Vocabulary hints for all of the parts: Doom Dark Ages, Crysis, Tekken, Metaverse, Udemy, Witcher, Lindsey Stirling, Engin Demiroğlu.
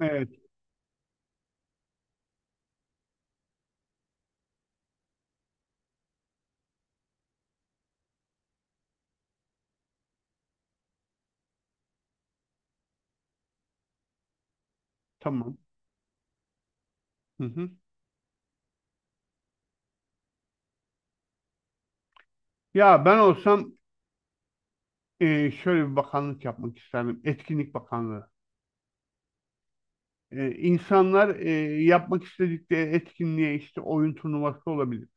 Evet, tamam. Hı hı. Ya ben olsam şöyle bir bakanlık yapmak isterdim. Etkinlik Bakanlığı. İnsanlar yapmak istedikleri etkinliğe işte oyun turnuvası olabilir.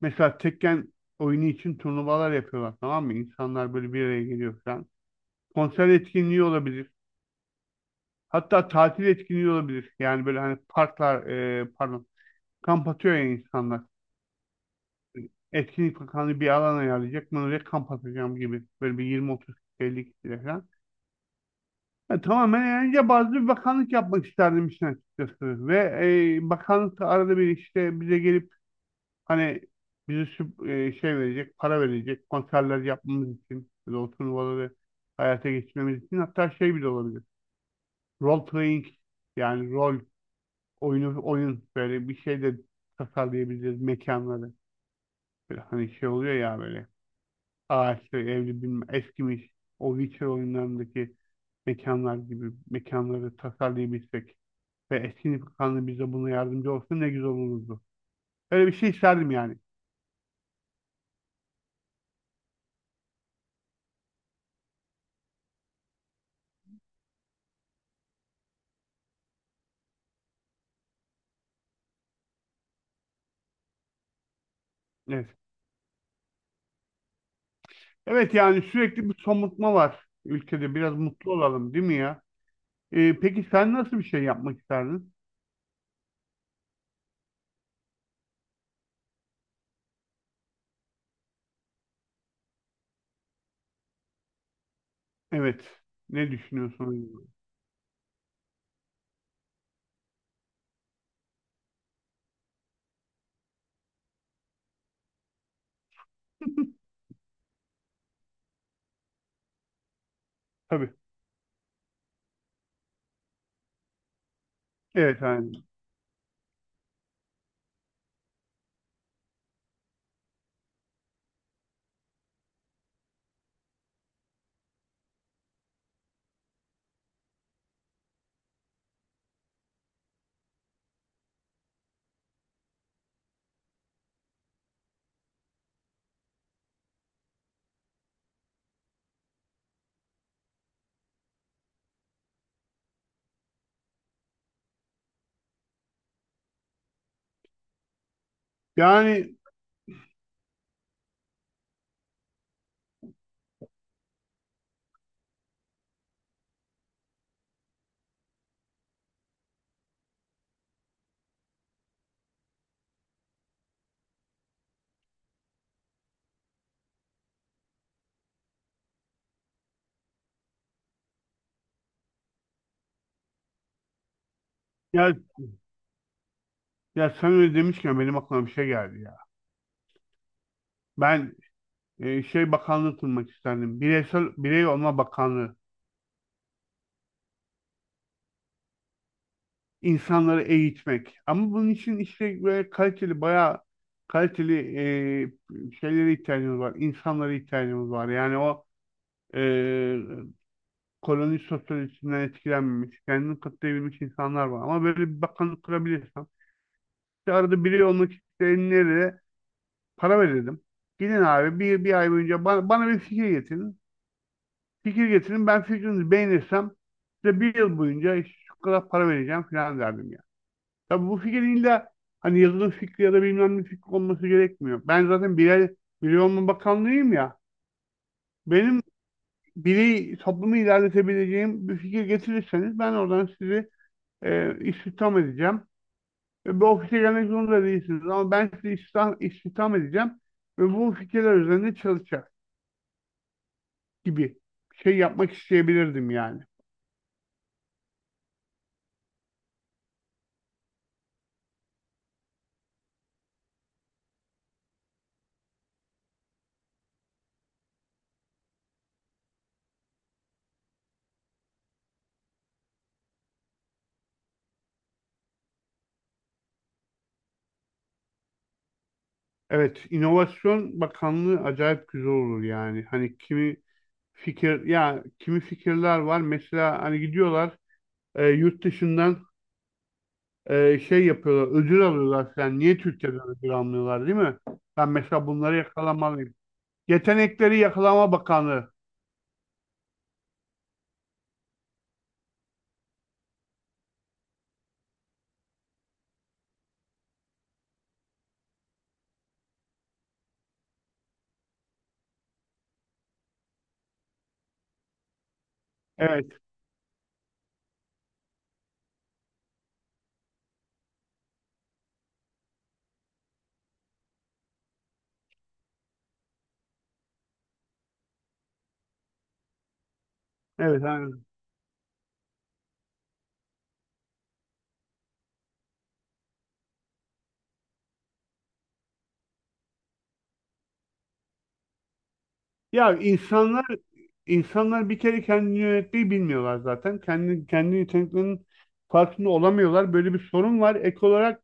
Mesela Tekken oyunu için turnuvalar yapıyorlar, tamam mı? İnsanlar böyle bir araya geliyor falan. Konser etkinliği olabilir. Hatta tatil etkinliği olabilir. Yani böyle hani parklar pardon, kamp atıyor ya insanlar. Etkinlik Bakanlığı bir alan ayarlayacak. Ben oraya kamp atacağım gibi. Böyle bir 20-30, 50 kişiyle falan. Tamamen eğlence bazlı bir bakanlık yapmak isterdim işin açıkçası. Ve bakanlık da arada bir işte bize gelip hani bize şey verecek, para verecek, konserler yapmamız için, böyle o turnuvaları hayata geçirmemiz için, hatta şey bile olabilir. Role playing, yani rol oyunu oyun, böyle bir şey de tasarlayabiliriz mekanları. Böyle hani şey oluyor ya, böyle ağaçlı, evli, bilmem, eskimiş, o Witcher oyunlarındaki mekanlar gibi mekanları tasarlayabilsek ve eski nişanlı bize buna yardımcı olsa ne güzel olurdu. Öyle bir şey isterdim yani. Evet. Evet, yani sürekli bir somutma var ülkede. Biraz mutlu olalım, değil mi ya? Peki sen nasıl bir şey yapmak isterdin? Evet. Ne düşünüyorsun? Tabii. Evet yani. Yani ya, ya sen öyle demişken benim aklıma bir şey geldi ya. Ben şey bakanlığı kurmak isterdim. Bireysel birey olma bakanlığı. İnsanları eğitmek. Ama bunun için işte böyle kaliteli, bayağı kaliteli şeylere ihtiyacımız var. İnsanlara ihtiyacımız var. Yani o e, koloni sosyolojisinden etkilenmemiş, kendini katlayabilmiş insanlar var. Ama böyle bir bakanlık kurabilirsem, işte arada biri olmak isteyenlere para verelim. Gidin abi bir ay boyunca bana bir fikir getirin. Fikir getirin, ben fikrinizi beğenirsem size bir yıl boyunca işte şu kadar para vereceğim falan derdim. Tabii bu fikrin illa hani yazılım fikri ya da bilmem ne fikri olması gerekmiyor. Ben zaten birey olma bakanlığıyım ya. Benim birey toplumu ilerletebileceğim bir fikir getirirseniz ben oradan sizi istihdam edeceğim. Ve bu ofise gelmek zorunda değilsiniz, ama ben sizi istihdam edeceğim ve bu fikirler üzerinde çalışacak gibi bir şey yapmak isteyebilirdim yani. Evet, İnovasyon Bakanlığı acayip güzel olur yani. Hani kimi fikir ya, kimi fikirler var mesela, hani gidiyorlar yurt dışından şey yapıyorlar, ödül alıyorlar falan. Niye Türkiye'den ödül almıyorlar, değil mi? Ben mesela bunları yakalamalıyım. Yetenekleri Yakalama Bakanlığı. Evet, evet. Aynen. Ya insanlar bir kere kendini yönetmeyi bilmiyorlar zaten. Kendi kendi yeteneklerinin farkında olamıyorlar. Böyle bir sorun var. Ek olarak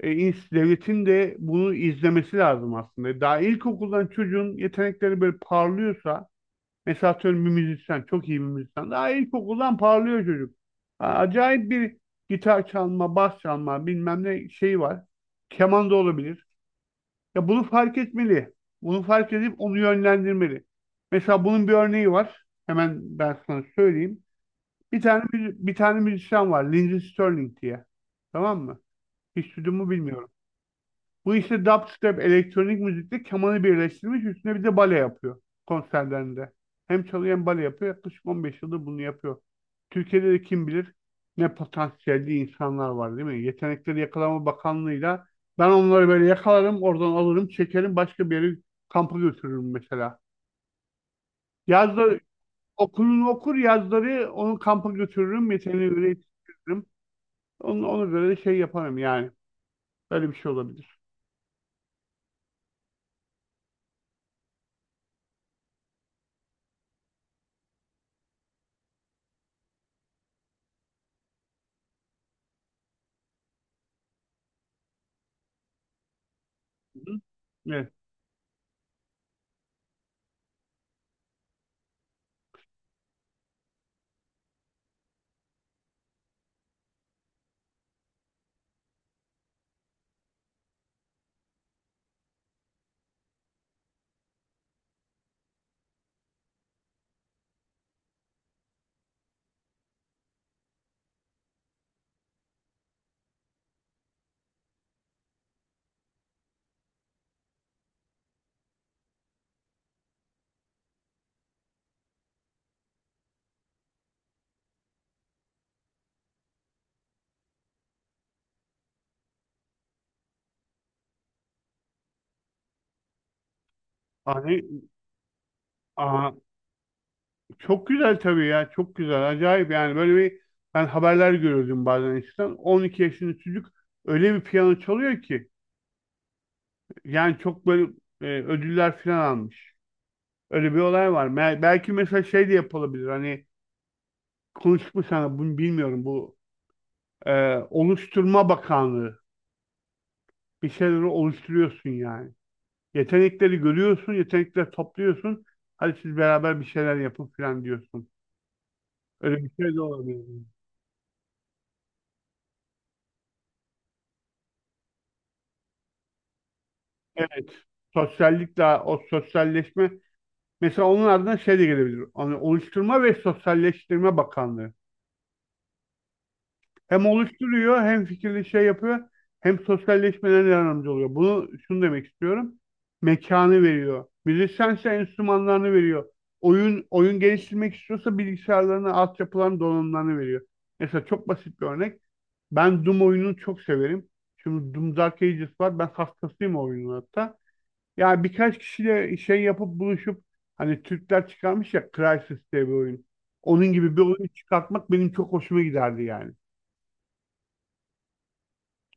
devletin de bunu izlemesi lazım aslında. Daha ilkokuldan çocuğun yetenekleri böyle parlıyorsa. Mesela atıyorum, bir müzisyen, çok iyi bir müzisyen. Daha ilkokuldan parlıyor çocuk. Ha, acayip bir gitar çalma, bas çalma, bilmem ne şeyi var. Keman da olabilir. Ya, bunu fark etmeli. Bunu fark edip onu yönlendirmeli. Mesela bunun bir örneği var. Hemen ben sana söyleyeyim. Bir tane müzisyen var, Lindsey Stirling diye. Tamam mı? Hiç duydun mu bilmiyorum. Bu işte dubstep, elektronik müzikle kemanı birleştirmiş. Üstüne bir de bale yapıyor konserlerinde. Hem çalıyor hem bale yapıyor. Yaklaşık 15 yıldır bunu yapıyor. Türkiye'de de kim bilir ne potansiyelli insanlar var, değil mi? Yetenekleri Yakalama Bakanlığı'yla ben onları böyle yakalarım, oradan alırım, çekerim, başka bir yere kampa götürürüm mesela. Yazları okulunu okur, yazları onu kampa götürürüm, yeteneği öyle yetiştiririm. Onu, ona göre de şey yaparım yani. Böyle bir şey olabilir. Hı hı. Evet. Hani, aa, çok güzel tabii ya. Çok güzel. Acayip yani. Böyle bir, ben haberler görüyordum bazen eskiden. 12 yaşında çocuk öyle bir piyano çalıyor ki. Yani çok böyle ödüller falan almış. Öyle bir olay var. Me- belki mesela şey de yapılabilir. Hani konuştuk mu sana bunu bilmiyorum. Bu oluşturma bakanlığı. Bir şeyleri oluşturuyorsun yani. Yetenekleri görüyorsun. Yetenekleri topluyorsun. Hadi siz beraber bir şeyler yapın falan diyorsun. Öyle bir şey de olabilir. Evet. Sosyallik, daha o sosyalleşme, mesela onun adına şey de gelebilir. Hani oluşturma ve sosyalleştirme bakanlığı. Hem oluşturuyor, hem fikirli şey yapıyor, hem sosyalleşmelerine yardımcı oluyor. Bunu, şunu demek istiyorum. Mekanı veriyor. Müzisyense enstrümanlarını veriyor. Oyun geliştirmek istiyorsa bilgisayarlarını, altyapılarını, donanımlarını veriyor. Mesela çok basit bir örnek. Ben Doom oyununu çok severim. Şimdi Doom Dark Ages var. Ben hastasıyım o oyunun hatta. Yani birkaç kişiyle şey yapıp buluşup, hani Türkler çıkarmış ya Crysis diye bir oyun. Onun gibi bir oyun çıkartmak benim çok hoşuma giderdi yani.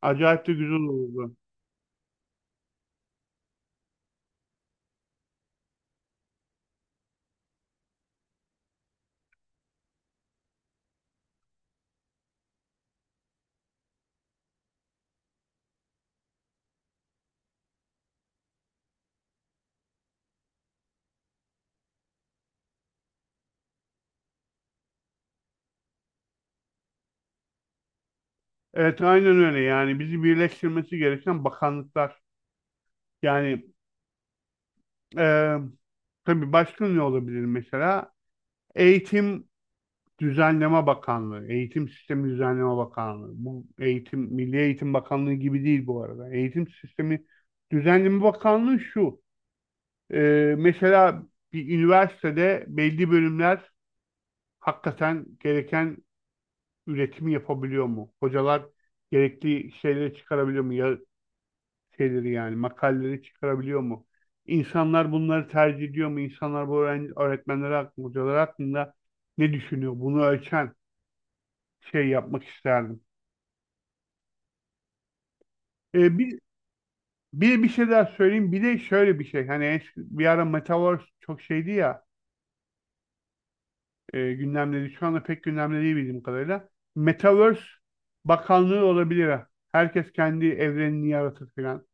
Acayip de güzel olurdu. Evet, aynen öyle yani, bizi birleştirmesi gereken bakanlıklar. Yani e, tabii başka ne olabilir mesela? Eğitim Düzenleme Bakanlığı, Eğitim Sistemi Düzenleme Bakanlığı. Bu eğitim, Milli Eğitim Bakanlığı gibi değil bu arada. Eğitim Sistemi Düzenleme Bakanlığı şu. Mesela bir üniversitede belli bölümler hakikaten gereken üretimi yapabiliyor mu? Hocalar gerekli şeyleri çıkarabiliyor mu? Ya şeyleri, yani makaleleri çıkarabiliyor mu? İnsanlar bunları tercih ediyor mu? İnsanlar bu öğrenci, öğretmenler hakkında, hocalar hakkında ne düşünüyor? Bunu ölçen şey yapmak isterdim. Ee, bir, bir şey daha söyleyeyim. Bir de şöyle bir şey. Hani bir ara Metaverse çok şeydi ya. Gündemde. Şu anda pek gündemde değil bildiğim kadarıyla. Metaverse Bakanlığı olabilir, ha. Herkes kendi evrenini yaratır falan.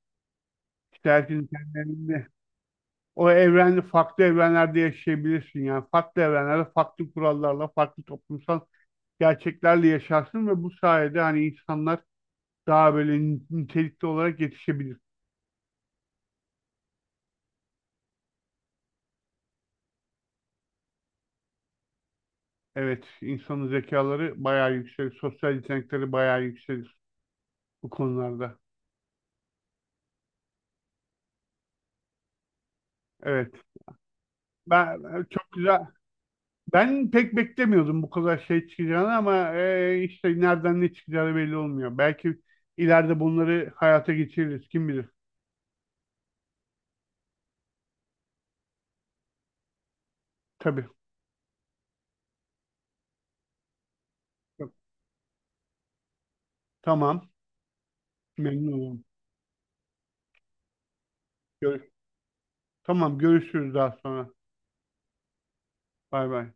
İşte herkesin kendi evrenini, o evren, farklı evrenlerde yaşayabilirsin yani. Farklı evrenlerde, farklı kurallarla, farklı toplumsal gerçeklerle yaşarsın ve bu sayede hani insanlar daha böyle nitelikli olarak yetişebilir. Evet, insanın zekaları bayağı yükselir. Sosyal yetenekleri bayağı yükselir bu konularda. Evet. Ben çok güzel Ben pek beklemiyordum bu kadar şey çıkacağını, ama işte nereden ne çıkacağı belli olmuyor. Belki ileride bunları hayata geçiririz. Kim bilir? Tabii. Tamam. Memnun olurum. Görüş tamam görüşürüz daha sonra. Bay bay.